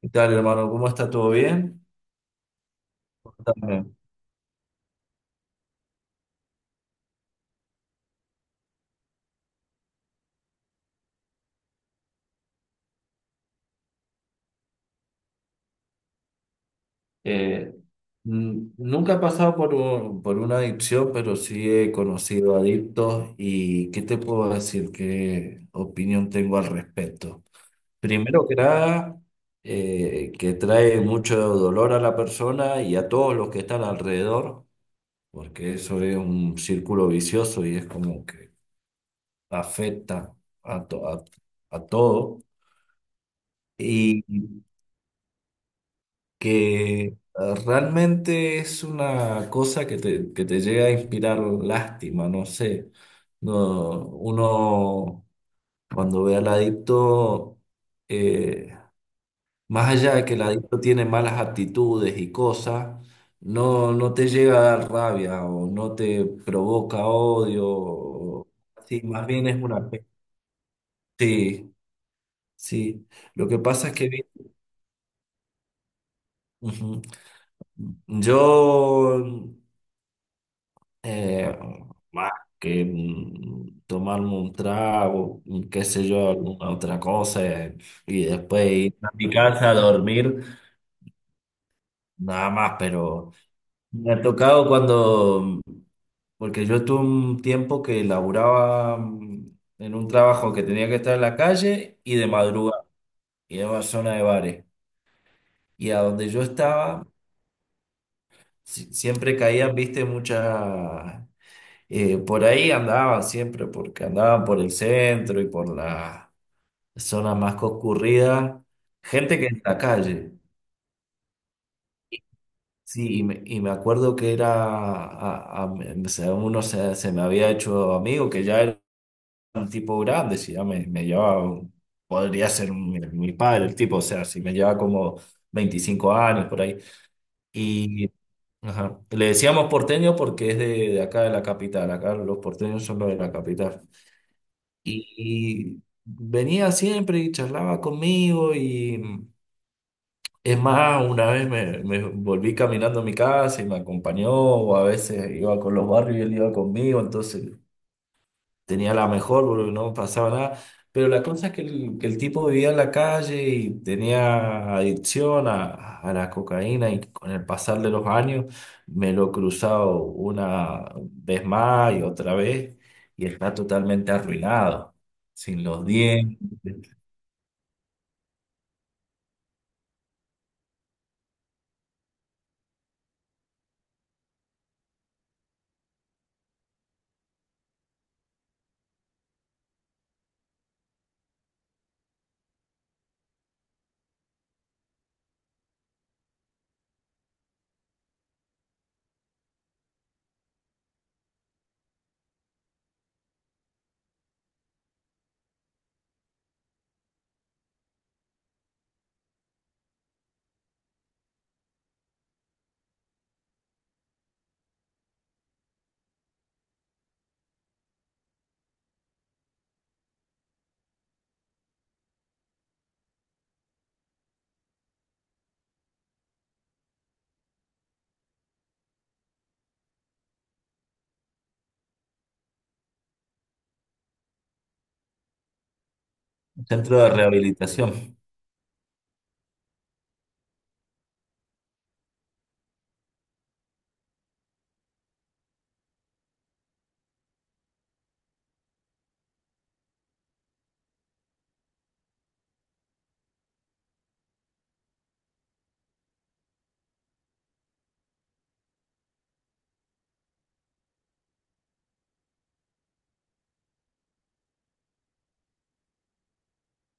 ¿Qué tal, hermano? ¿Cómo está? ¿Todo bien? Contame. Eh, Nunca he pasado por una adicción, pero sí he conocido adictos y ¿qué te puedo decir? ¿Qué opinión tengo al respecto? Primero que nada, que trae mucho dolor a la persona y a todos los que están alrededor, porque eso es un círculo vicioso y es como que afecta a, to- a, a todo. Y que realmente es una cosa que te llega a inspirar lástima, no sé. No, uno cuando ve al adicto, eh, más allá de que el adicto tiene malas actitudes y cosas, no te llega a dar rabia o no te provoca odio. Sí, más bien es una. Sí, sí. Lo que pasa es que. Ujú. Yo Eh, Más que tomarme un trago, qué sé yo, alguna otra cosa, y después ir a mi casa a dormir, nada más, pero me ha tocado cuando, porque yo tuve un tiempo que laburaba en un trabajo que tenía que estar en la calle y de madrugada, y en una zona de bares, y a donde yo estaba, siempre caían, viste, muchas. Por ahí andaban siempre, porque andaban por el centro y por las zonas más concurridas, gente que en la calle. Sí, y me acuerdo que era, uno se me había hecho amigo, que ya era un tipo grande, si ya me llevaba, podría ser mi padre el tipo, o sea, si me llevaba como 25 años por ahí. Y ajá, le decíamos porteño porque es de acá de la capital, acá los porteños son los de la capital. Y venía siempre y charlaba conmigo y es más, una vez me, me volví caminando a mi casa y me acompañó, o a veces iba con los barrios y él iba conmigo, entonces tenía la mejor, porque no pasaba nada. Pero la cosa es que que el tipo vivía en la calle y tenía adicción a la cocaína y con el pasar de los años me lo he cruzado una vez más y otra vez y está totalmente arruinado, sin los dientes, centro de rehabilitación.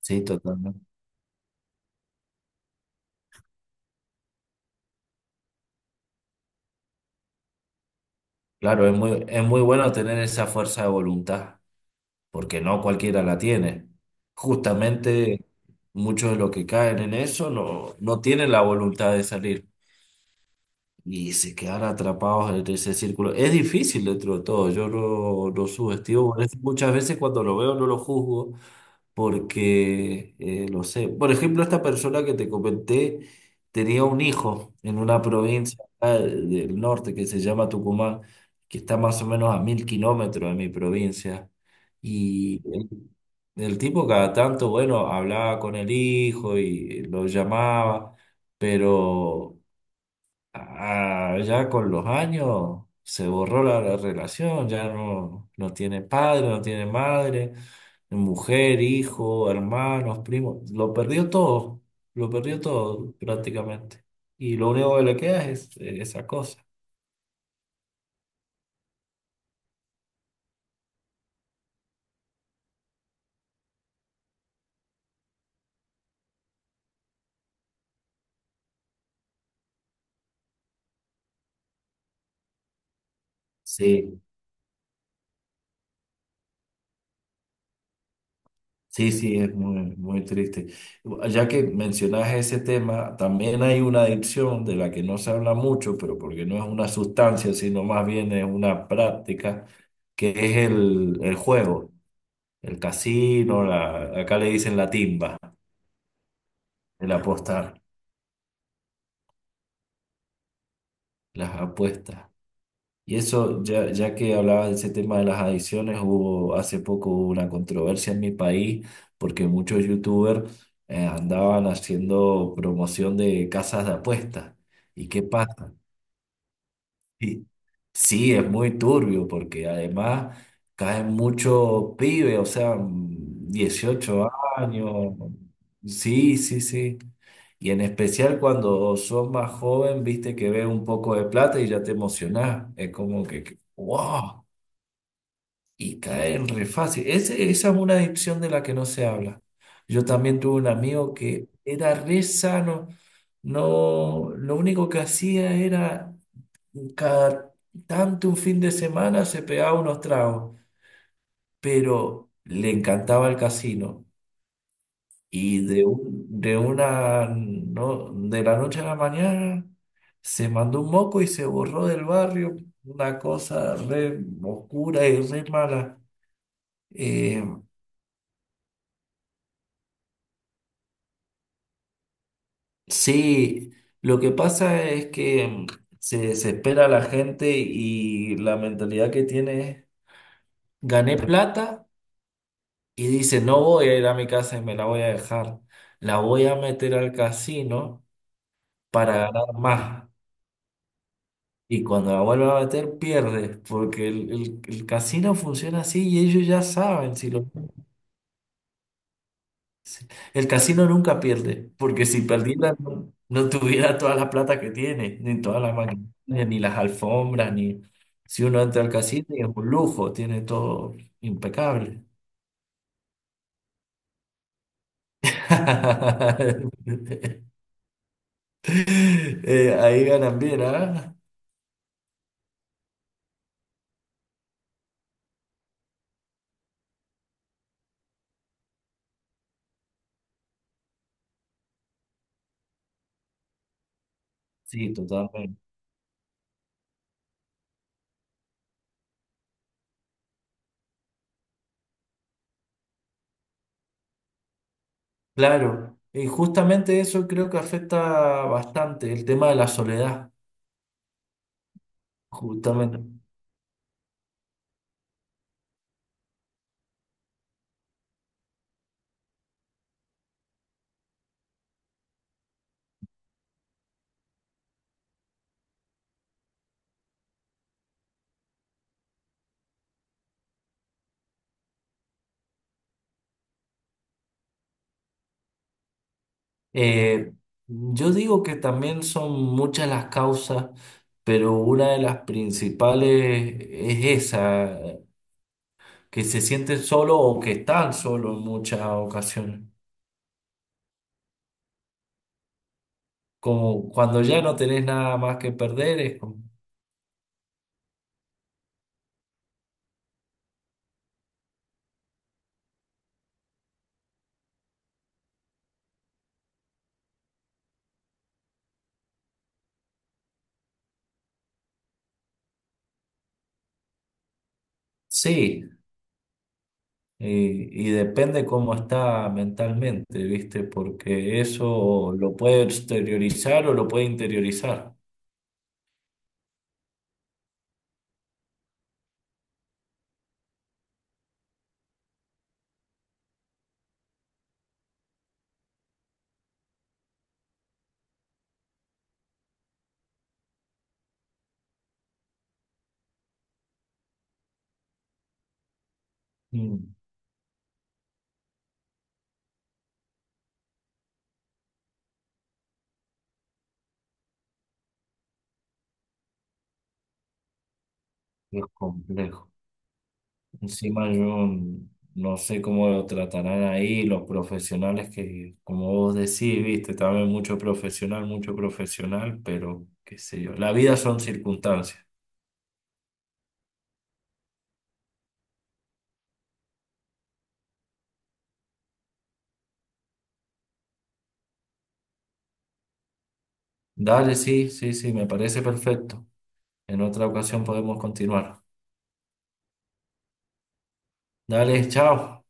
Sí, totalmente. Claro, es muy bueno tener esa fuerza de voluntad, porque no cualquiera la tiene. Justamente muchos de los que caen en eso no, no tienen la voluntad de salir y se quedan atrapados en ese círculo. Es difícil dentro de todo, yo no, no subestimo, por eso muchas veces cuando lo veo no lo juzgo, porque lo sé. Por ejemplo, esta persona que te comenté tenía un hijo en una provincia acá del norte que se llama Tucumán, que está más o menos a 1000 kilómetros de mi provincia. Y el, el tipo cada tanto, bueno, hablaba con el hijo y lo llamaba, pero... Ah, ya con los años se borró la relación, ya no, no tiene padre, no tiene madre, mujer, hijo, hermanos, primos, lo perdió todo prácticamente. Y lo único que le queda es esa cosa. Sí. Sí, sí, es muy, muy triste. Ya que mencionas ese tema, también hay una adicción de la que no se habla mucho, pero porque no es una sustancia, sino más bien es una práctica, que es el juego, el casino, la, acá le dicen la timba, el apostar, las apuestas. Y eso, ya, ya que hablabas de ese tema de las adicciones, hubo hace poco hubo una controversia en mi país porque muchos youtubers andaban haciendo promoción de casas de apuestas. ¿Y qué pasa? Sí. Sí, es muy turbio porque además caen muchos pibes, o sea, 18 años. Sí, sí, sí. Y en especial cuando sos más joven, viste que ves un poco de plata y ya te emocionás. Es como que, wow, y caen re fácil. Esa es una adicción de la que no se habla. Yo también tuve un amigo que era re sano. No, lo único que hacía era cada tanto un fin de semana se pegaba unos tragos, pero le encantaba el casino. Y de una no, de la noche a la mañana se mandó un moco y se borró del barrio, una cosa re oscura y re mala. Eh, sí, lo que pasa es que se desespera la gente y la mentalidad que tiene es, gané plata. Y dice, no voy a ir a mi casa y me la voy a dejar. La voy a meter al casino para ganar más. Y cuando la vuelva a meter, pierde, porque el casino funciona así y ellos ya saben si lo... si- El casino nunca pierde, porque si perdiera no, no tuviera toda la plata que tiene, ni todas las maquinarias, ni las alfombras, ni... Si uno entra al casino y es un lujo, tiene todo impecable. Ahí ganan bien, ¿ah? Sí, totalmente. Claro, y justamente eso creo que afecta bastante, el tema de la soledad, justamente. Eh, yo digo que también son muchas las causas, pero una de las principales es esa, que se sienten solo o que están solo en muchas ocasiones. Como cuando ya no tenés nada más que perder, es como... Sí. Y depende cómo está mentalmente, ¿viste? Porque eso lo puede exteriorizar o lo puede interiorizar. Mm, es complejo. Encima yo no sé cómo lo tratarán ahí los profesionales que, como vos decís, ¿viste? También mucho profesional, pero qué sé yo. La vida son circunstancias. Dale, sí, sí, sí, me parece perfecto. En otra ocasión podemos continuar. Dale, chao.